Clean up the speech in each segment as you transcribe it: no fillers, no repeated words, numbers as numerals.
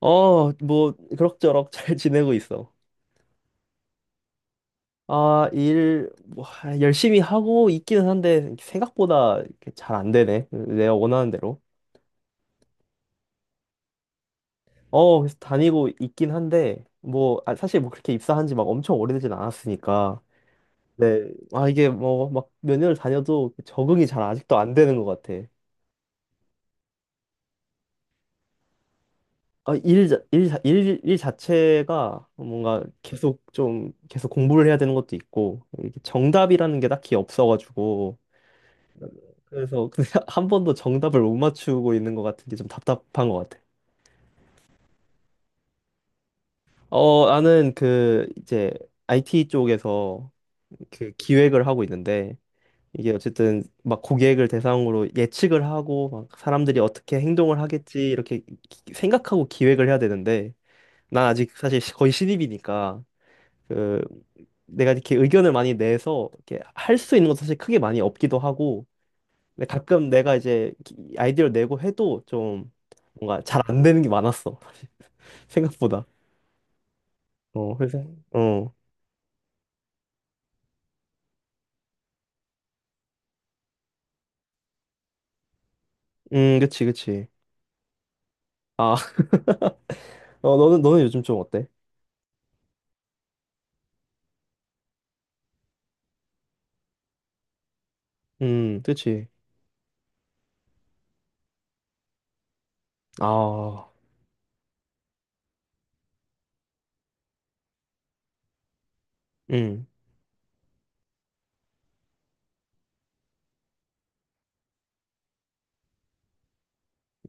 어, 뭐, 그럭저럭 잘 지내고 있어. 아, 일, 뭐, 열심히 하고 있기는 한데, 생각보다 잘 안 되네. 내가 원하는 대로. 어, 그래서 다니고 있긴 한데, 뭐, 아, 사실 뭐 그렇게 입사한 지 막 엄청 오래되진 않았으니까. 네, 아, 이게 뭐, 막 몇 년을 다녀도 적응이 잘 아직도 안 되는 것 같아. 아, 일 자체가 뭔가 계속 좀, 계속 공부를 해야 되는 것도 있고, 이게 정답이라는 게 딱히 없어가지고, 그래서 근데 한 번도 정답을 못 맞추고 있는 것 같은 게 좀 답답한 것 같아. 어, 나는 그 이제 IT 쪽에서 그 기획을 하고 있는데, 이게 어쨌든 막 고객을 대상으로 예측을 하고 막 사람들이 어떻게 행동을 하겠지 이렇게 생각하고 기획을 해야 되는데, 난 아직 사실 거의 신입이니까 그 내가 이렇게 의견을 많이 내서 이렇게 할 수 있는 것도 사실 크게 많이 없기도 하고, 근데 가끔 내가 이제 아이디어를 내고 해도 좀 뭔가 잘 안 되는 게 많았어. 생각보다. 어, 그래서, 어. 그치, 그치. 아, 어, 너는 요즘 좀 어때? 그치. 아, 음.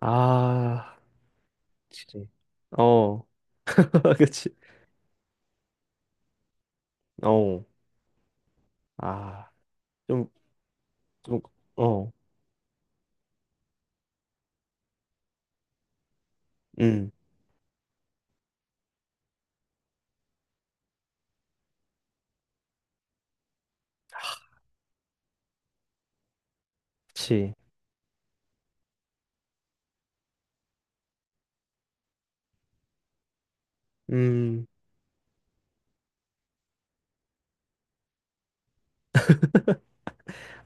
아, 그치. 어, 그치. 어, 아, 좀, 좀, 어, 음, 그치. 음,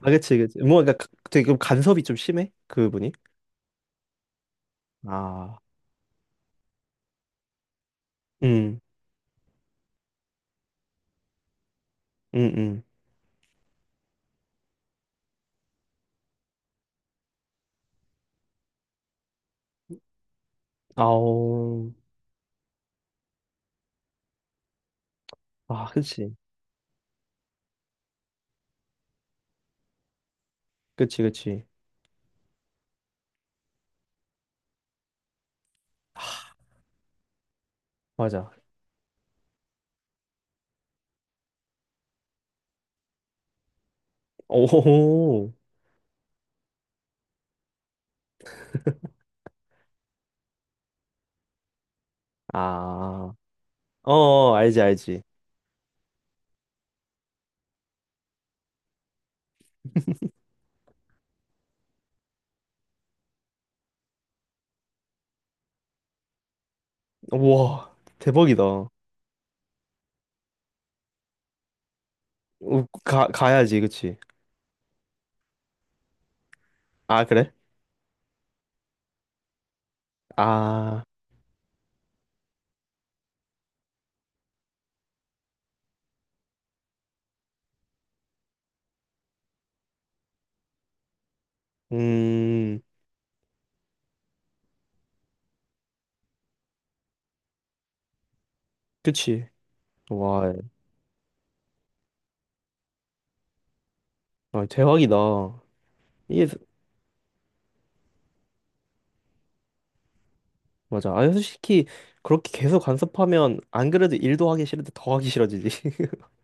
아, 그치, 그치. 뭔가 되게 그럼 간섭이 좀 심해? 그분이? 아, 음, 음, 음. 아오. 아, 그치. 그치, 그치. 맞아. 오, 아, 어, 어, 알지, 알지. 우와, 대박이다. 우, 가야지, 그치. 아, 그래? 아, 음, 그치. 와, 아, 대박이다. 이게, 맞아. 아, 솔직히, 그렇게 계속 간섭하면, 안 그래도 일도 하기 싫은데 더 하기 싫어지지.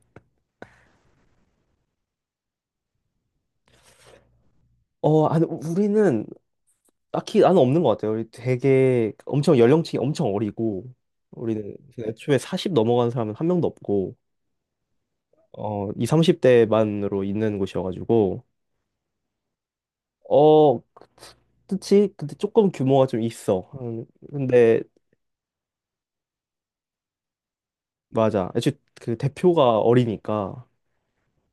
어, 아니, 우리는 딱히 나는 없는 것 같아요. 우리 되게 엄청 연령층이 엄청 어리고, 우리는 애초에 40 넘어간 사람은 한 명도 없고, 어, 2 30대만으로 있는 곳이어가지고, 어, 그치? 근데 조금 규모가 좀 있어. 근데 맞아. 애초에 그 대표가 어리니까,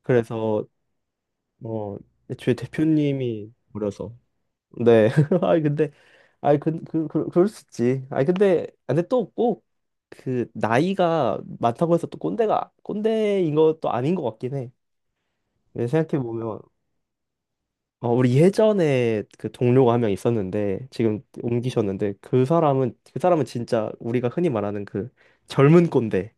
그래서 어, 애초에 대표님이 어려서. 네. 아이 근데 아이 그 그럴 수 있지. 아이 근데 아, 근데 또 꼭 그 나이가 많다고 해서 또 꼰대가 꼰대인 것도 아닌 것 같긴 해. 생각해 보면 어, 우리 예전에 그 동료가 한 명 있었는데 지금 옮기셨는데, 그 사람은 진짜 우리가 흔히 말하는 그 젊은 꼰대.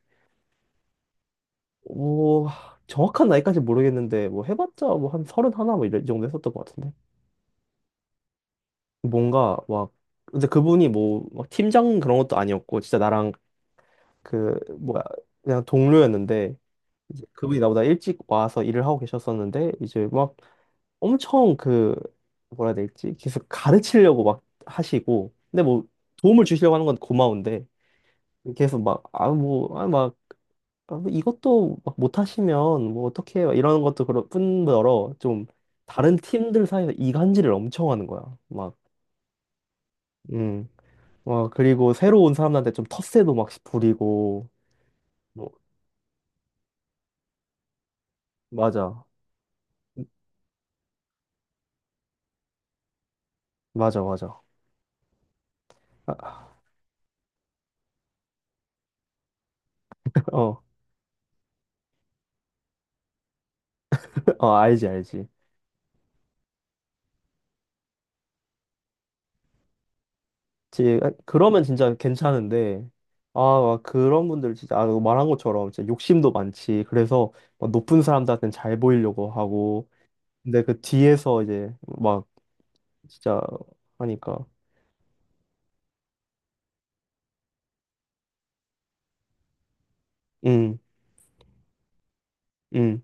오, 정확한 나이까지 모르겠는데 뭐 해봤자 뭐 한 서른 하나 뭐 이런 이 정도 했었던 것 같은데, 뭔가 막 근데 그분이 뭐 막 팀장 그런 것도 아니었고, 진짜 나랑 그 뭐야 그냥 동료였는데, 이제 그분이 나보다 일찍 와서 일을 하고 계셨었는데, 이제 막 엄청 그 뭐라 해야 될지 계속 가르치려고 막 하시고, 근데 뭐 도움을 주시려고 하는 건 고마운데 계속 막 아 뭐아막 이것도 막 못하시면 뭐 어떻게 막 이러는 것도 그런 뿐더러, 좀 다른 팀들 사이에서 이간질을 엄청 하는 거야 막. 음, 와, 그리고 새로 온 사람들한테 좀 텃세도 막 부리고 뭐. 맞아, 맞아, 맞아. 아, 어, 어, 알지, 알지. 지, 그러면 진짜 괜찮은데, 아, 와, 그런 분들 진짜, 아, 말한 것처럼 진짜 욕심도 많지. 그래서 막 높은 사람들한테는 잘 보이려고 하고, 근데 그 뒤에서 이제 막 진짜 하니까, 음, 음,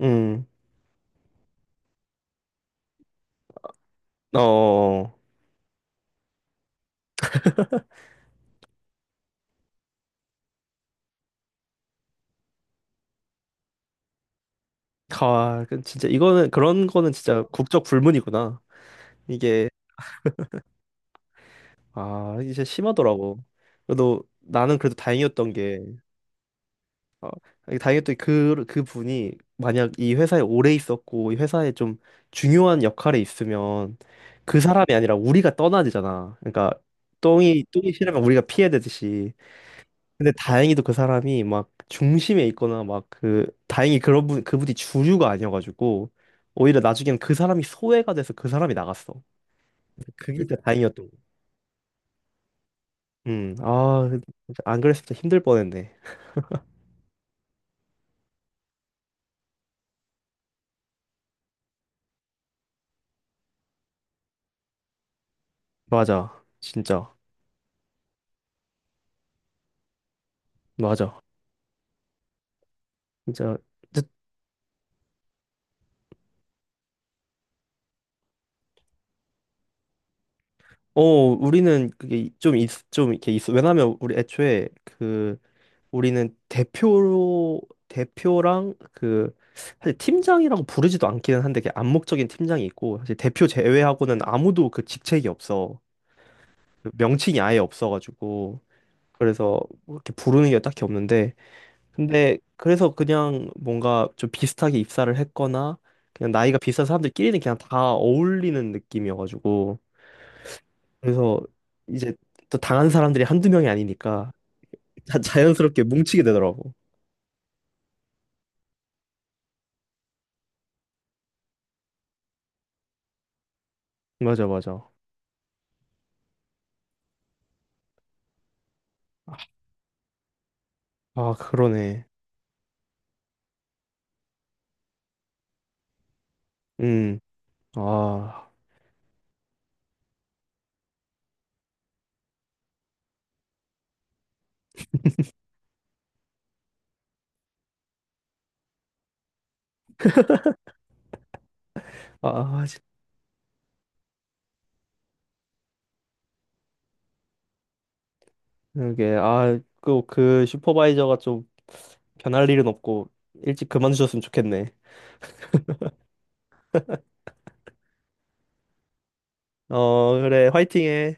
음, 어, 어, 어. 아, 그 진짜 이거는, 그런 거는 진짜 국적 불문이구나. 이게, 아, 이제 심하더라고. 그래도 나는 그래도 다행이었던 게, 어, 아, 다행히 또 그 분이 만약 이 회사에 오래 있었고 이 회사에 좀 중요한 역할에 있으면, 그 사람이 아니라 우리가 떠나야 되잖아. 그러니까 똥이 싫으면 우리가 피해야 되듯이. 근데 다행히도 그 사람이 막 중심에 있거나 막 그 다행히 그런 분 그분이 주류가 아니어가지고 오히려 나중엔 그 사람이 소외가 돼서 그 사람이 나갔어. 그게 진짜 다행이었던 거. 아, 안 그랬으면 진짜 힘들 뻔했네. 맞아, 진짜. 맞아, 진짜. 어, 우리는 그게 좀 좀 이렇게 있어. 왜냐면 우리 애초에 그 우리는 대표로 대표랑 그 사실 팀장이라고 부르지도 않기는 한데, 그게 암묵적인 팀장이 있고 사실 대표 제외하고는 아무도 그 직책이 없어. 그 명칭이 아예 없어가지고 그래서 뭐 이렇게 부르는 게 딱히 없는데, 근데 그래서 그냥 뭔가 좀 비슷하게 입사를 했거나 그냥 나이가 비슷한 사람들끼리는 그냥 다 어울리는 느낌이어가지고, 그래서 이제 또 당한 사람들이 한두 명이 아니니까 자연스럽게 뭉치게 되더라고. 맞아, 맞아. 아, 그러네. 음. 아, 아, 아, 이게, 아, 그 슈퍼바이저가 좀 변할 일은 없고 일찍 그만두셨으면 좋겠네. 어, 그래, 화이팅해.